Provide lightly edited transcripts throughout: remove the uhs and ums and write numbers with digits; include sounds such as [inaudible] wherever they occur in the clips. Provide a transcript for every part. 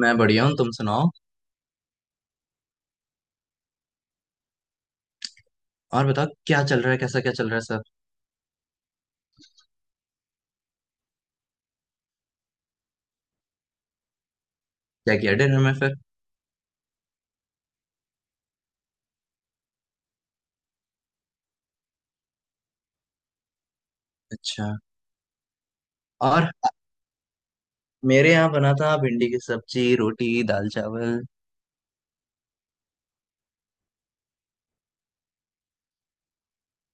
मैं बढ़िया हूँ तुम सुनाओ। और बताओ क्या चल रहा है कैसा क्या चल रहा है सब। क्या किया डिनर में फिर। अच्छा। और। मेरे यहाँ बना था भिंडी की सब्जी रोटी दाल चावल।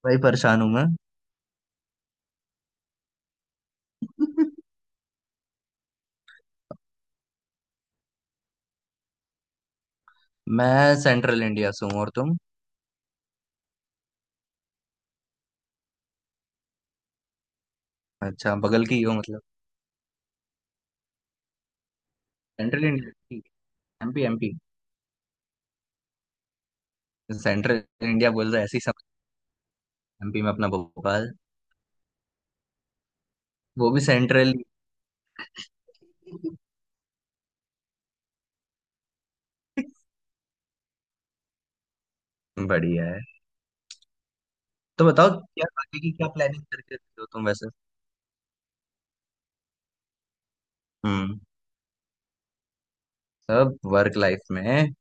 भाई परेशान हूँ मैं। [laughs] मैं सेंट्रल इंडिया से हूँ और तुम। अच्छा बगल की ही हो मतलब। Central India. MP MP. Central. India बोल रहा है ऐसी समझ। एमपी में अपना भोपाल। वो भी सेंट्रल। [laughs] बढ़िया है। तो बताओ क्या आगे की क्या प्लानिंग करके रखे हो तुम वैसे। हम्म। सब वर्क लाइफ में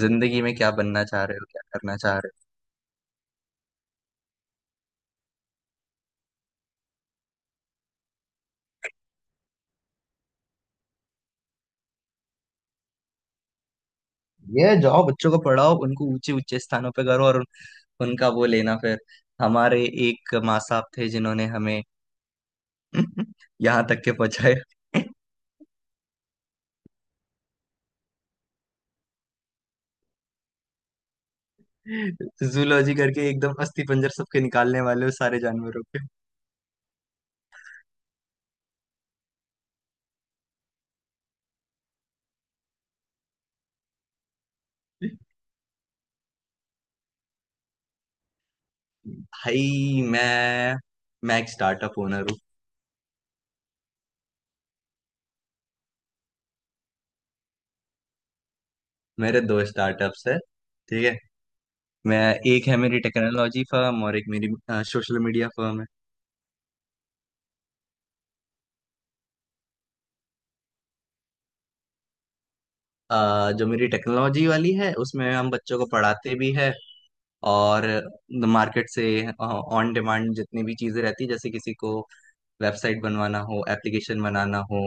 जिंदगी में क्या बनना चाह रहे हो क्या करना चाह रहे हो। ये जाओ बच्चों को पढ़ाओ उनको ऊंचे ऊंचे स्थानों पे करो और उनका वो लेना फिर। हमारे एक माँ साहब थे जिन्होंने हमें [laughs] यहाँ तक के पहुंचाया। [laughs] जूलॉजी करके एकदम अस्थि पंजर सबके निकालने वाले हो सारे जानवरों के। भाई मैं एक स्टार्टअप ओनर हूँ। मेरे दो स्टार्टअप्स है। ठीक है। मैं एक है मेरी टेक्नोलॉजी फर्म और एक मेरी सोशल मीडिया फर्म है। जो मेरी टेक्नोलॉजी वाली है उसमें हम बच्चों को पढ़ाते भी है। और मार्केट से ऑन डिमांड जितनी भी चीजें रहती है जैसे किसी को वेबसाइट बनवाना हो एप्लीकेशन बनाना हो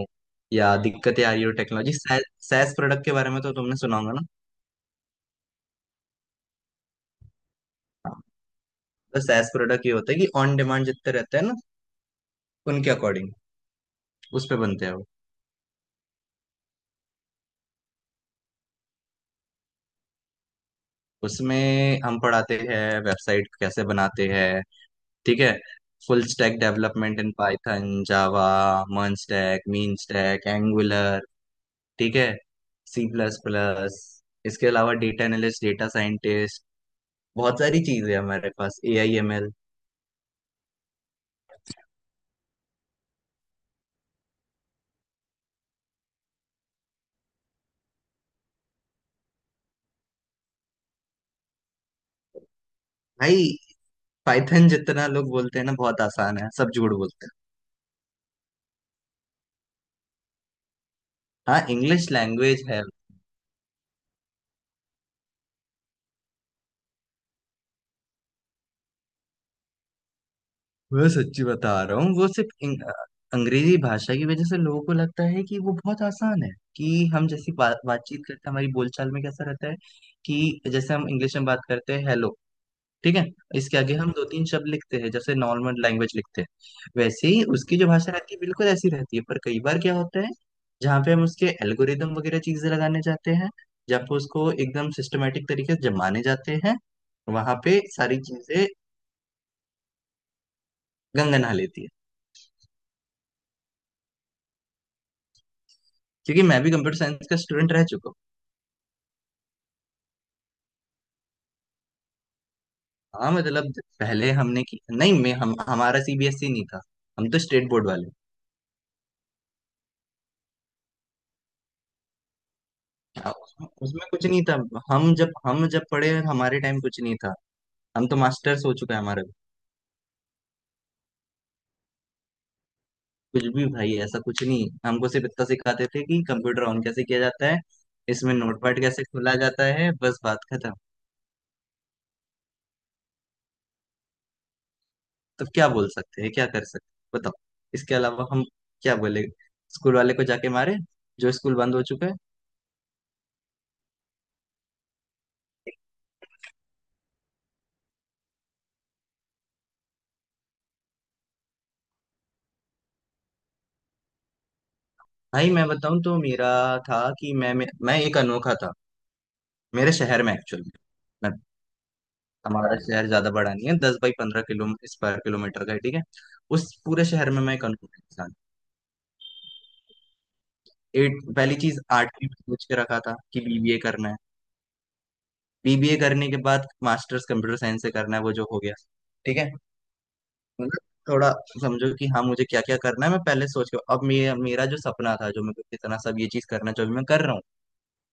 या दिक्कतें आ रही हो। टेक्नोलॉजी सैस प्रोडक्ट के बारे में तो तुमने सुना होगा ना। हाँ। तो सैस प्रोडक्ट ये होता है कि ऑन डिमांड जितने रहते हैं ना उनके अकॉर्डिंग उस पे बनते हैं वो। उसमें हम पढ़ाते हैं वेबसाइट कैसे बनाते हैं। ठीक है। Full stack development in Python Java MERN stack MEAN stack Angular. ठीक है। C plus plus. इसके अलावा डेटा एनालिस्ट डेटा साइंटिस्ट बहुत सारी चीजें हैं हमारे पास AIML। भाई पाइथन जितना लोग बोलते हैं ना बहुत आसान है सब झूठ बोलते हैं। हाँ इंग्लिश लैंग्वेज है। मैं सच्ची बता रहा हूँ वो सिर्फ अंग्रेजी भाषा की वजह से लोगों को लगता है कि वो बहुत आसान है। कि हम जैसी बातचीत करते हैं हमारी बोलचाल में कैसा रहता है। कि जैसे हम इंग्लिश में बात करते हैं हेलो। ठीक है। इसके आगे हम दो तीन शब्द लिखते हैं जैसे नॉर्मल लैंग्वेज लिखते हैं। वैसे ही उसकी जो भाषा रहती है बिल्कुल ऐसी रहती है पर कई बार क्या होता है। जहाँ पे हम उसके एल्गोरिदम वगैरह चीजें लगाने जाते हैं। जहाँ पे उसको एकदम सिस्टमेटिक तरीके से जमाने जाते हैं। वहां पे सारी चीजें गंगा नहा लेती है। क्योंकि मैं भी कंप्यूटर साइंस का स्टूडेंट रह चुका हूँ। हाँ मतलब पहले हमने की नहीं मैं हम हमारा सीबीएसई नहीं था। हम तो स्टेट बोर्ड वाले। उसमें उसमें कुछ नहीं था। हम जब पढ़े हमारे टाइम कुछ नहीं था। हम तो मास्टर्स हो चुका है हमारा भी। कुछ भी भाई ऐसा कुछ नहीं हमको सिर्फ इतना सिखाते थे कि कंप्यूटर ऑन कैसे किया जाता है। इसमें नोटपैड कैसे खोला जाता है बस बात खत्म। तो क्या बोल सकते हैं क्या कर सकते हैं बताओ। इसके अलावा हम क्या बोले स्कूल वाले को जाके मारे जो स्कूल बंद हो चुका है। भाई मैं बताऊं तो मेरा था कि मैं एक अनोखा था। मेरे शहर में एक्चुअली मैं। हमारा शहर ज्यादा बड़ा नहीं है 10 बाई 15 किलो स्क्वायर किलोमीटर का है ठीक है। उस पूरे शहर में मैं एक अनोखा इंसान। एट पहली चीज आठवीं में सोच के रखा था कि बीबीए करना है। बीबीए करने के बाद मास्टर्स कंप्यूटर साइंस से करना है वो जो हो गया। ठीक है। मतलब थोड़ा समझो कि हाँ मुझे क्या क्या करना है मैं पहले सोच के अब मेरा जो सपना था जो मेरे को इतना सब ये चीज करना जो अभी मैं कर रहा हूँ।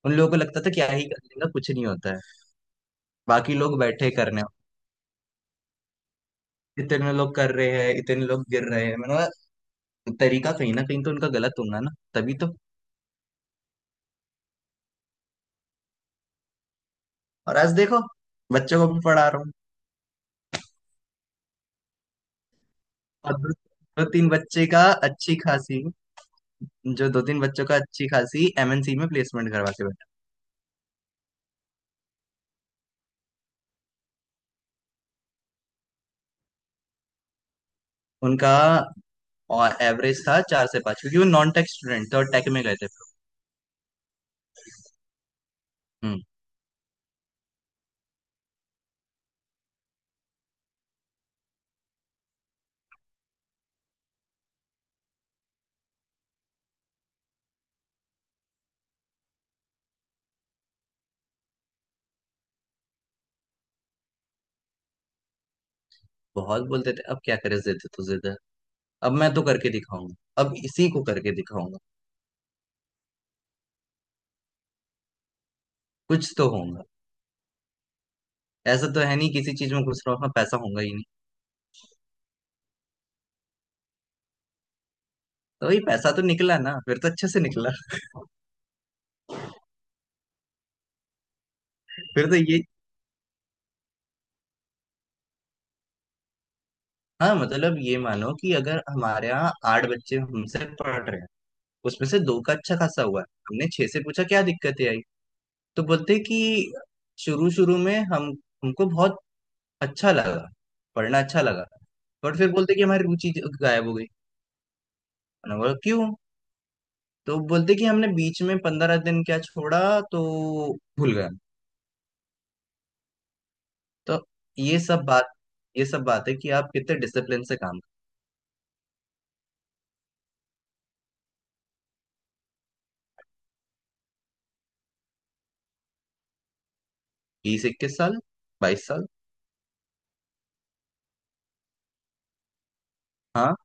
उन लोगों को लगता था क्या ही कर लेगा कुछ नहीं होता है। बाकी लोग बैठे करने इतने लोग कर रहे हैं इतने लोग गिर रहे हैं मैंने कहा, तरीका कहीं ना कहीं तो उनका गलत होगा ना तभी तो। और आज देखो बच्चों को भी पढ़ा रहा हूँ। और दो, दो तीन बच्चे का अच्छी खासी। जो दो तीन बच्चों का अच्छी खासी एमएनसी में प्लेसमेंट करवा के बैठा। उनका और एवरेज था चार से पाँच क्योंकि वो नॉन टेक स्टूडेंट थे और टेक में गए थे। हम्म। बहुत बोलते थे अब क्या करे जिद तो जिद है। अब मैं तो करके दिखाऊंगा। अब इसी को करके दिखाऊंगा। कुछ तो होगा। ऐसा तो है नहीं किसी चीज में घुस रहा हूँ पैसा होगा ही। तो वही पैसा तो निकला ना फिर तो अच्छे से निकला। [laughs] फिर तो ये। हाँ मतलब ये मानो कि अगर हमारे यहाँ आठ बच्चे हमसे पढ़ रहे हैं। उसमें से दो का अच्छा खासा हुआ है हमने छह से पूछा क्या दिक्कतें आई। तो बोलते कि शुरू शुरू में हम हमको बहुत अच्छा लगा पढ़ना अच्छा लगा। बट फिर बोलते कि हमारी रुचि गायब हो गई। मैंने बोला क्यों। तो बोलते कि हमने बीच में 15 दिन क्या छोड़ा तो भूल गए। तो ये सब बात ये सब बात है कि आप कितने डिसिप्लिन से काम। 20 21 साल 22 साल। हाँ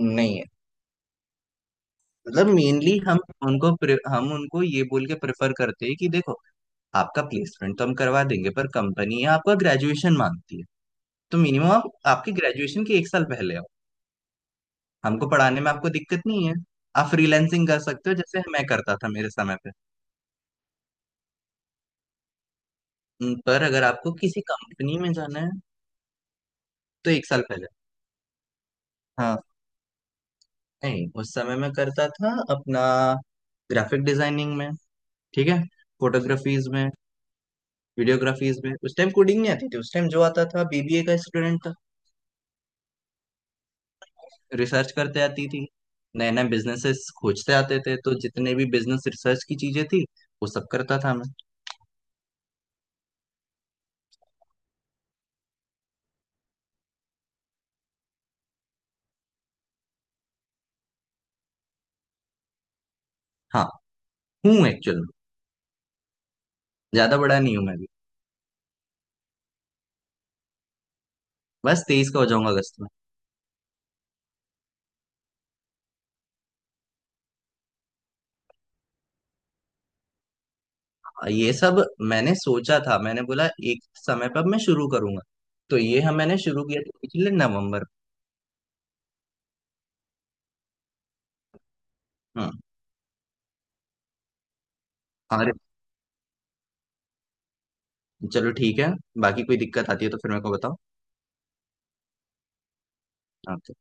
नहीं है। मतलब अच्छा मेनली हम उनको हम उनको ये बोल के प्रेफर करते हैं कि देखो आपका प्लेसमेंट तो हम करवा देंगे पर कंपनी आपका ग्रेजुएशन मांगती है। तो मिनिमम आप आपके ग्रेजुएशन के 1 साल पहले आओ। हमको पढ़ाने में आपको दिक्कत नहीं है। आप फ्रीलैंसिंग कर सकते हो जैसे मैं करता था मेरे समय पे। पर अगर आपको किसी कंपनी में जाना है तो 1 साल पहले। हाँ नहीं उस समय मैं करता था अपना ग्राफिक डिजाइनिंग में। ठीक है। फोटोग्राफीज में वीडियोग्राफीज में उस टाइम कोडिंग नहीं आती थी उस टाइम जो आता था बीबीए का स्टूडेंट था। रिसर्च करते आती थी नए नए बिजनेसेस खोजते आते थे तो जितने भी बिजनेस रिसर्च की चीजें थी वो सब करता था मैं। हाँ हूँ एक्चुअल में ज्यादा बड़ा नहीं हूँ मैं भी। बस 23 का हो जाऊंगा अगस्त में। ये सब मैंने सोचा था मैंने बोला एक समय पर मैं शुरू करूंगा। तो ये हम मैंने शुरू किया था पिछले नवंबर में। हम्म। अरे चलो ठीक है। बाकी कोई दिक्कत आती है तो फिर मेरे को बताओ। हाँ।